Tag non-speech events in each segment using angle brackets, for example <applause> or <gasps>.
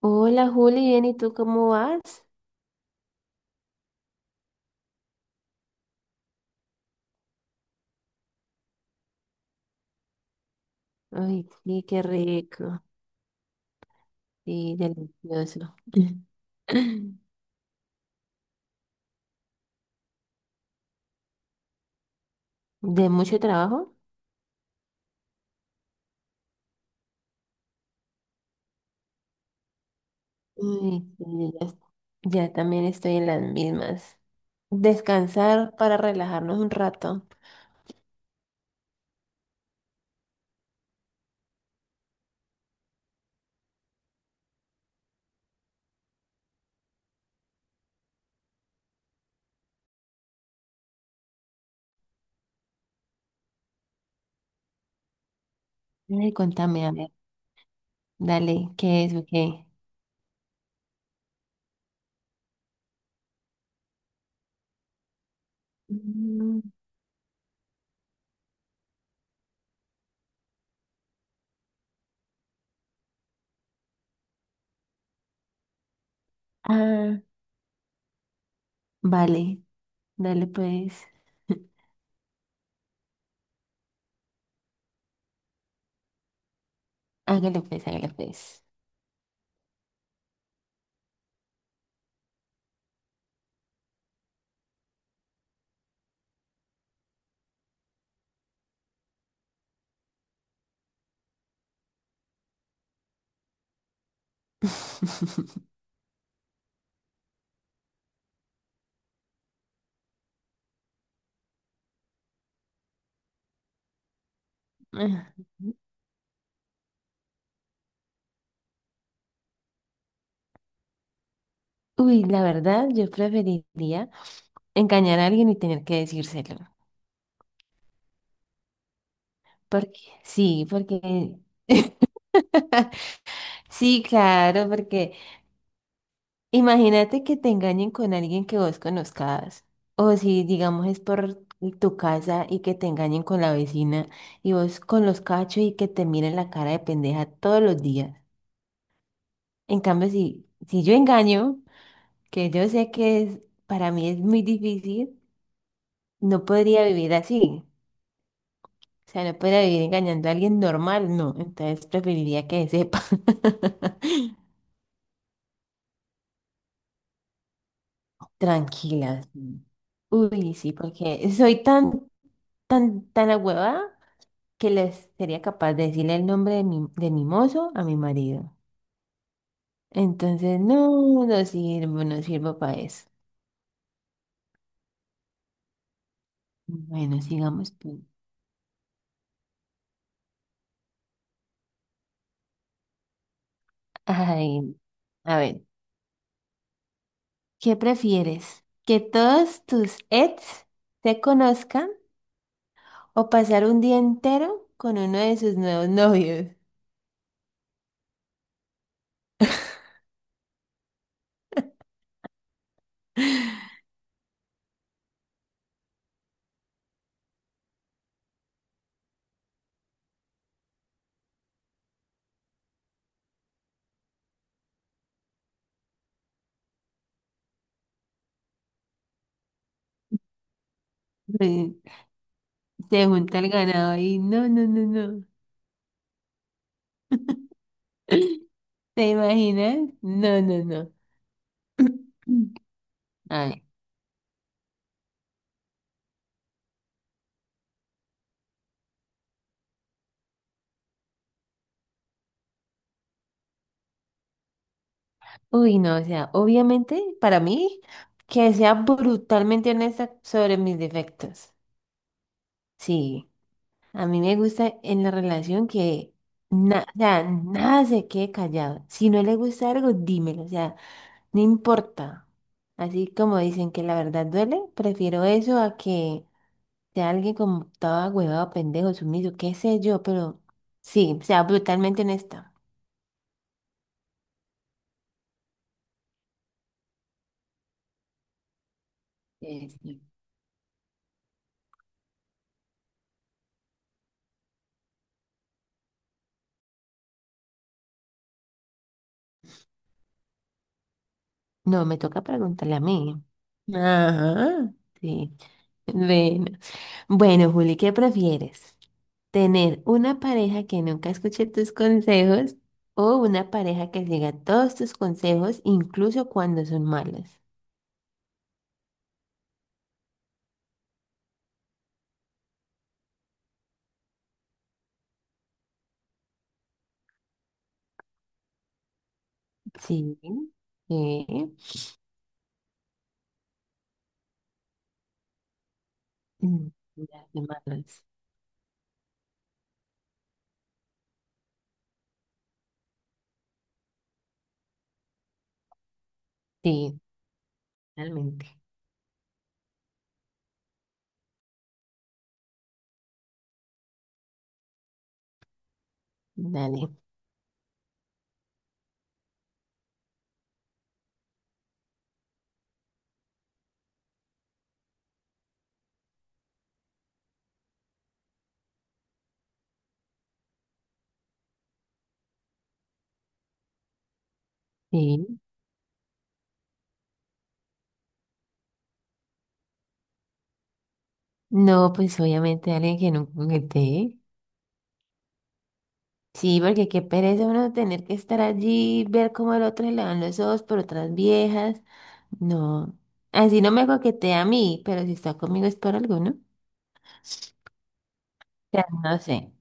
Hola Juli, bien, ¿y tú cómo vas? Ay, sí, qué rico, sí, delicioso. <laughs> ¿De mucho trabajo? Ay, sí, ya, ya también estoy en las mismas. Descansar para relajarnos un rato. Ay, contame, a ver, dale, ¿qué es o qué? Mm. Ah, vale, dale pues, hágale pues, hágale pues. <laughs> Uy, la verdad, yo preferiría engañar a alguien y tener que decírselo. Porque, sí, porque, <laughs> sí, claro, porque imagínate que te engañen con alguien que vos conozcas. O si, digamos, es por tu casa y que te engañen con la vecina y vos con los cachos y que te miren la cara de pendeja todos los días. En cambio, si, si yo engaño, que yo sé que es, para mí es muy difícil, no podría vivir así. O sea, no podría vivir engañando a alguien normal, no. Entonces preferiría que sepa. <laughs> Tranquila, sí. Uy, sí, porque soy tan ahuevada que les sería capaz de decirle el nombre de mi mozo a mi marido. Entonces, no, no sirvo, no sirvo para eso. Bueno, sigamos pues. Ay, a ver, ¿qué prefieres? ¿Que todos tus ex te conozcan o pasar un día entero con uno de sus nuevos novios? Me- Se junta el ganado ahí. No, no, no, no. <gasps> <laughs> ¿Te imaginas? No, no, no. <clears throat> Ay. Uy, no, o sea, obviamente para mí que sea brutalmente honesta sobre mis defectos. Sí, a mí me gusta en la relación que o sea, nada se quede callado. Si no le gusta algo, dímelo, o sea, no importa. Así como dicen que la verdad duele, prefiero eso a que sea alguien como estaba huevado, pendejo, sumiso, qué sé yo, pero sí, o sea, brutalmente honesta. Sí, sí. No, me toca preguntarle a mí. Ajá. Sí, bueno. Bueno, Juli, ¿qué prefieres? ¿Tener una pareja que nunca escuche tus consejos o una pareja que siga todos tus consejos, incluso cuando son malos? Sí, sí, mm, ya, son malos. Sí, realmente. Dale. Sí, no, pues obviamente alguien que no conecté. Sí, porque qué pereza uno tener que estar allí, ver cómo al otro se le van los ojos por otras viejas. No, así no me coquetea a mí, pero si está conmigo es por alguno. O sea, no sé.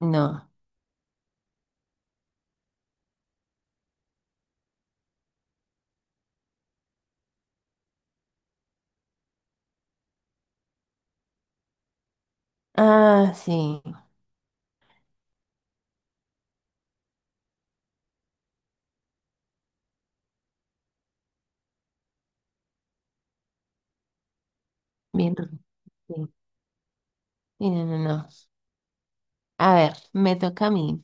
No. Ah, sí. Bien. Sí. Sí, no, no, no. A ver, me toca a mí.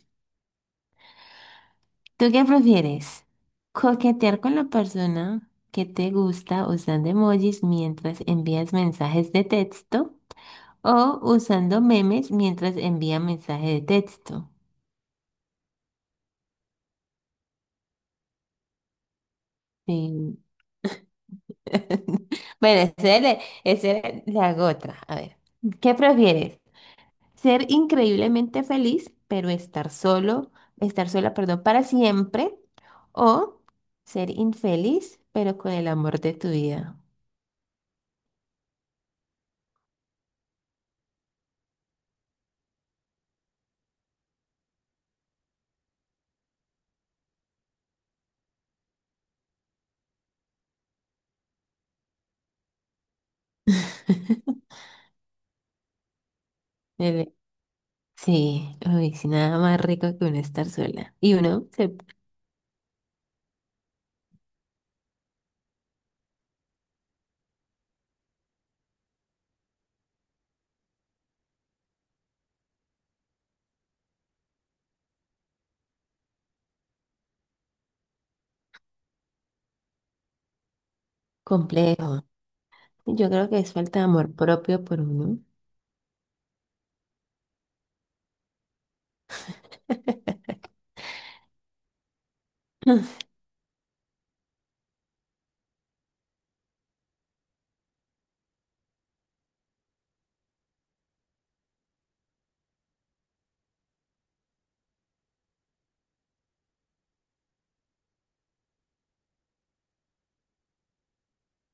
¿Tú qué prefieres? ¿Coquetear con la persona que te gusta usando emojis mientras envías mensajes de texto? O usando memes mientras envía mensaje de texto. Sí. <laughs> Bueno, ese le hago otra. A ver, ¿qué prefieres? ¿Ser increíblemente feliz, pero estar solo, estar sola, perdón, para siempre? ¿O ser infeliz, pero con el amor de tu vida? <laughs> Debe- Sí, uy, sí, nada más rico que uno estar sola. Y uno se complejo. Yo creo que es falta de amor propio por uno. <laughs> <laughs>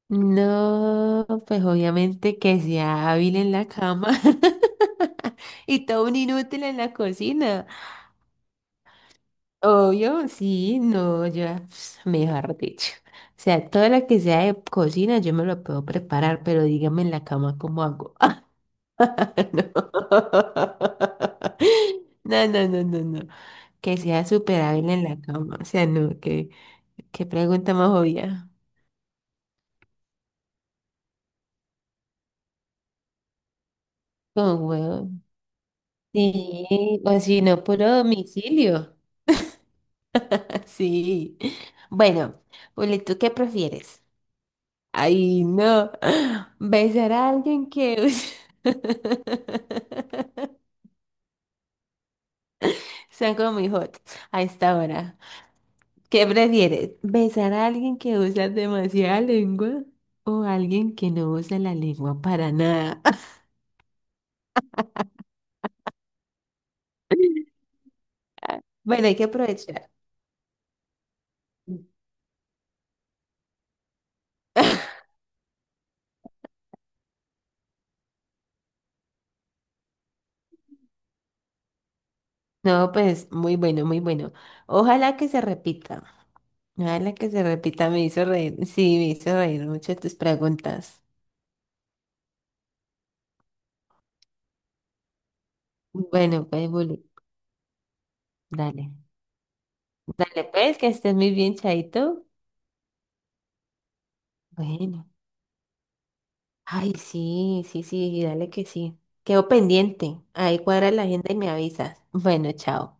No, pues obviamente que sea hábil en la cama <laughs> y todo un inútil en la cocina. Obvio, sí, no, yo, <sniffs> pss, mejor dicho. O sea, todo lo que sea de cocina yo me lo puedo preparar, pero dígame en la cama cómo hago. <laughs> No, no, no, no, no, no. Que sea súper hábil en la cama. O sea, no, que, qué pregunta más obvia. Con huevo. Sí, o si no, puro domicilio. Sí. <laughs> Bueno, Uli, ¿tú qué prefieres? Ay, no. <gasps> Besar a alguien que <laughs> son como muy hot a esta hora. ¿Qué prefieres? ¿Besar a alguien que usa demasiada lengua o a alguien que no usa la lengua para nada? <laughs> Ah, bueno, hay que aprovechar. <laughs> No, pues muy bueno, muy bueno. Ojalá que se repita. Ojalá que se repita. Me hizo reír. Sí, me hizo reír mucho tus preguntas. Bueno, pues, Juli, dale. Dale, pues, que estés muy bien, Chaito. Bueno. Ay, sí, sí, sí, dale que sí. Quedo pendiente. Ahí cuadra la agenda y me avisas. Bueno, chao.